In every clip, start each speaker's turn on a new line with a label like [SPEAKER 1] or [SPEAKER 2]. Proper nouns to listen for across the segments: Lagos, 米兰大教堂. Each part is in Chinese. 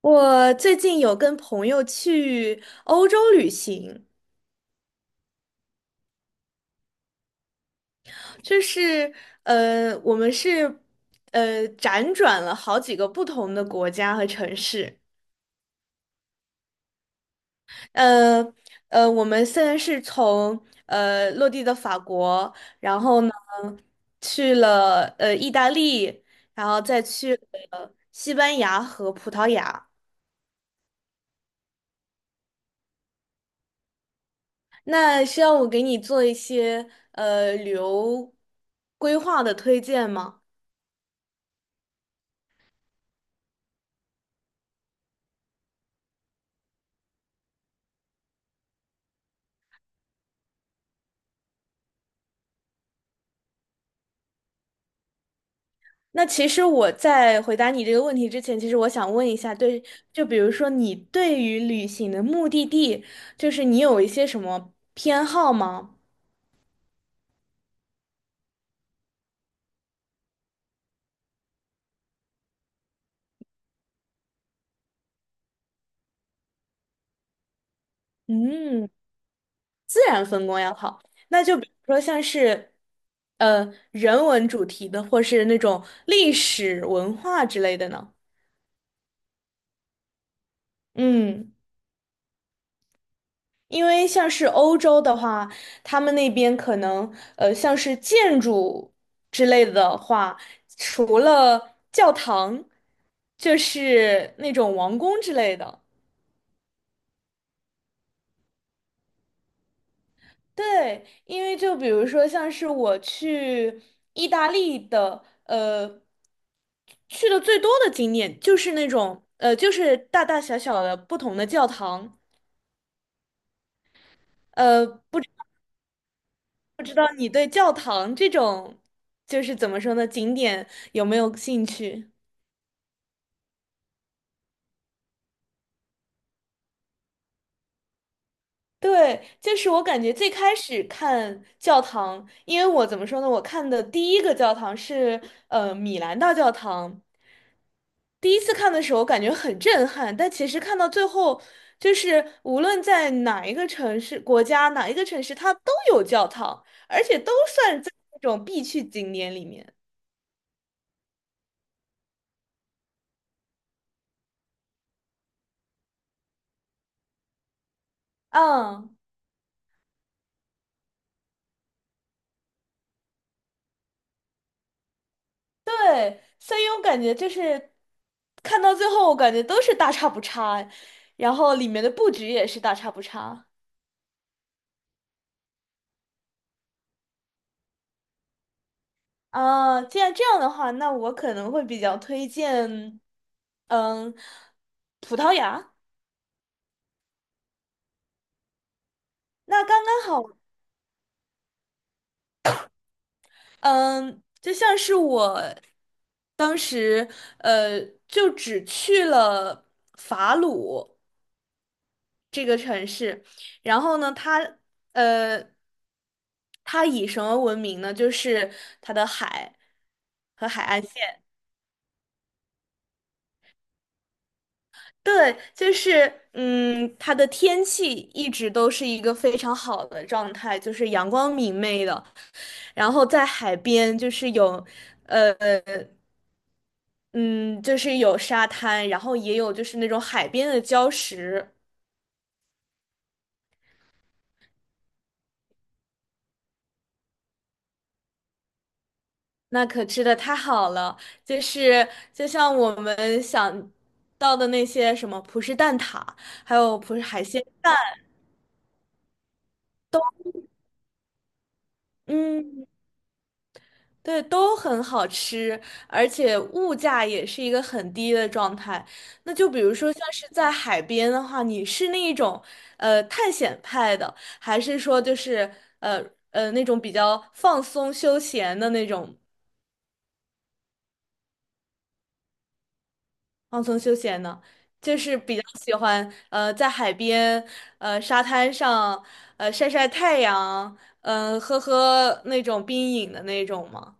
[SPEAKER 1] 我最近有跟朋友去欧洲旅行，就是我们是辗转了好几个不同的国家和城市。呃我们现在是从落地的法国，然后呢去了意大利，然后再去了西班牙和葡萄牙。那需要我给你做一些旅游规划的推荐吗？那其实我在回答你这个问题之前，其实我想问一下。对，就比如说你对于旅行的目的地，就是你有一些什么偏好吗？嗯，自然风光要好。那就比如说像是，人文主题的，或是那种历史文化之类的呢？嗯。因为像是欧洲的话，他们那边可能像是建筑之类的话，除了教堂，就是那种王宫之类的。对，因为就比如说像是我去意大利的，去的最多的景点就是那种就是大大小小的不同的教堂。呃，不知不知道你对教堂这种就是怎么说呢，景点有没有兴趣？对，就是我感觉最开始看教堂，因为我怎么说呢，我看的第一个教堂是米兰大教堂。第一次看的时候感觉很震撼，但其实看到最后，就是无论在哪一个城市、国家、哪一个城市，它都有教堂，而且都算在那种必去景点里面。嗯，对，所以我感觉就是看到最后，我感觉都是大差不差，然后里面的布局也是大差不差。啊，既然这样的话，那我可能会比较推荐，嗯，葡萄牙。那刚刚好。嗯，就像是我当时，呃，就只去了法鲁这个城市。然后呢，它，呃，它以什么闻名呢？就是它的海和海岸线。对，就是嗯，它的天气一直都是一个非常好的状态，就是阳光明媚的。然后在海边，就是有，呃，嗯，就是有沙滩，然后也有就是那种海边的礁石。那可吃的太好了。就是就像我们想到的那些什么葡式蛋挞，还有葡式海鲜。嗯。对，都很好吃，而且物价也是一个很低的状态。那就比如说，像是在海边的话，你是那一种探险派的，还是说呃那种比较放松休闲的那种放松休闲呢？就是比较喜欢在海边沙滩上晒晒太阳，嗯、喝喝那种冰饮的那种吗？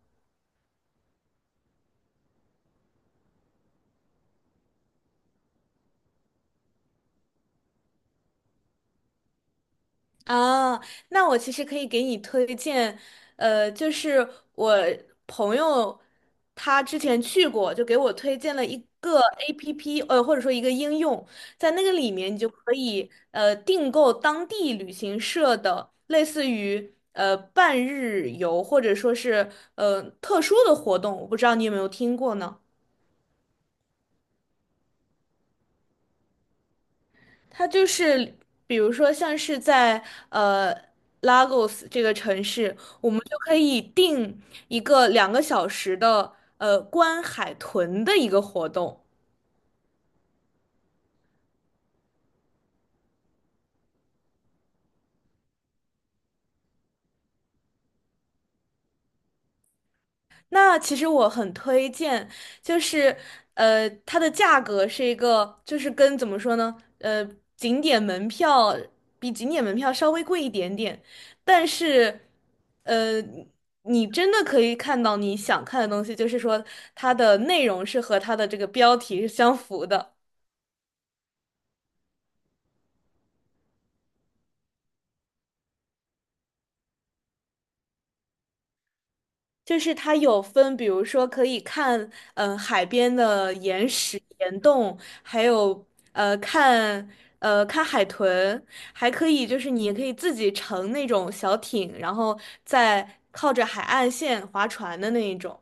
[SPEAKER 1] 啊，那我其实可以给你推荐，就是我朋友他之前去过，就给我推荐了一个 APP，或者说一个应用。在那个里面你就可以订购当地旅行社的类似于半日游或者说是特殊的活动，我不知道你有没有听过呢？它就是，比如说像是在呃 Lagos 这个城市，我们就可以定一个2个小时的观海豚的一个活动。那其实我很推荐，就是它的价格是一个，就是跟怎么说呢，景点门票比景点门票稍微贵一点点，但是呃，你真的可以看到你想看的东西，就是说它的内容是和它的这个标题是相符的。就是它有分，比如说可以看，嗯、海边的岩石、岩洞，还有呃看看海豚，还可以就是你也可以自己乘那种小艇，然后再靠着海岸线划船的那一种。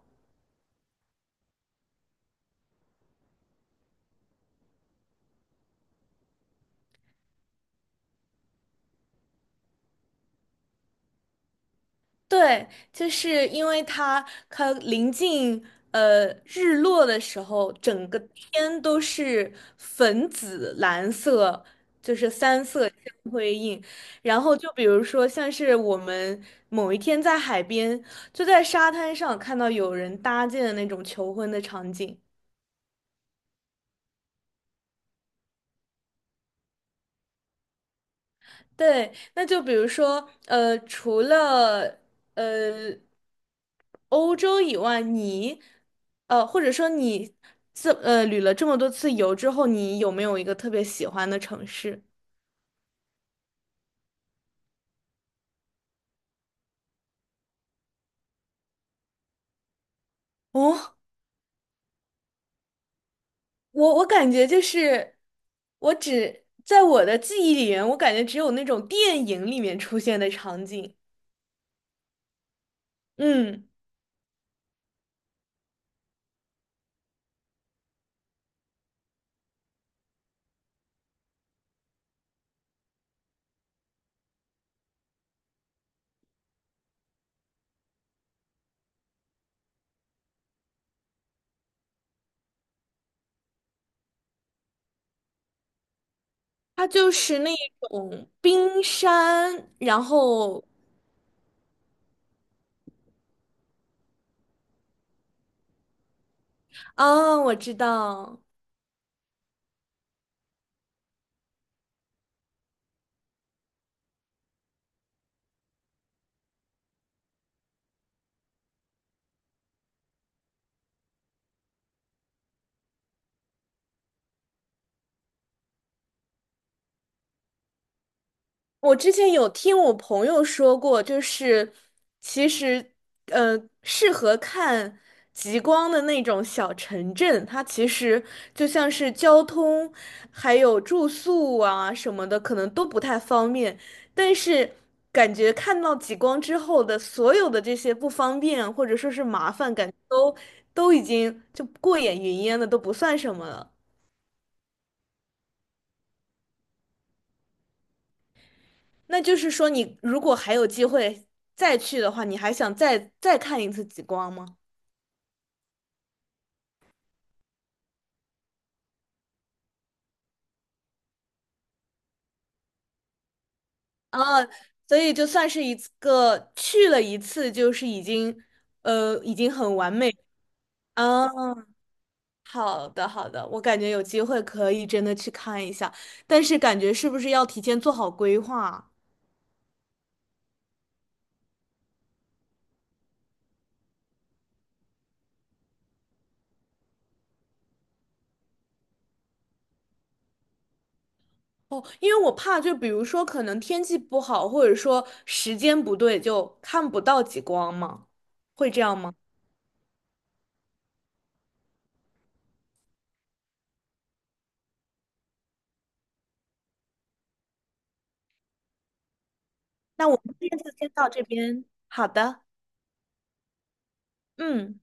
[SPEAKER 1] 对，就是因为它临近日落的时候，整个天都是粉紫蓝色，就是三色相辉映。然后就比如说，像是我们某一天在海边，就在沙滩上看到有人搭建的那种求婚的场景。对，那就比如说，除了呃欧洲以外，你或者说你这旅了这么多次游之后，你有没有一个特别喜欢的城市？哦，我感觉就是，我只在我的记忆里面，我感觉只有那种电影里面出现的场景。嗯，它就是那种冰山，然后啊，我知道。我之前有听我朋友说过，就是其实，呃，适合看极光的那种小城镇，它其实就像是交通还有住宿啊什么的，可能都不太方便。但是感觉看到极光之后的所有的这些不方便或者说是麻烦，感觉都已经就过眼云烟了，都不算什么了。那就是说，你如果还有机会再去的话，你还想再看一次极光吗？啊，所以就算是一次个去了一次，就是已经已经很完美。嗯，好的，好的，我感觉有机会可以真的去看一下，但是感觉是不是要提前做好规划啊？哦，因为我怕就比如说可能天气不好，或者说时间不对，就看不到极光嘛，会这样吗？那我们这次先到这边，好的。嗯。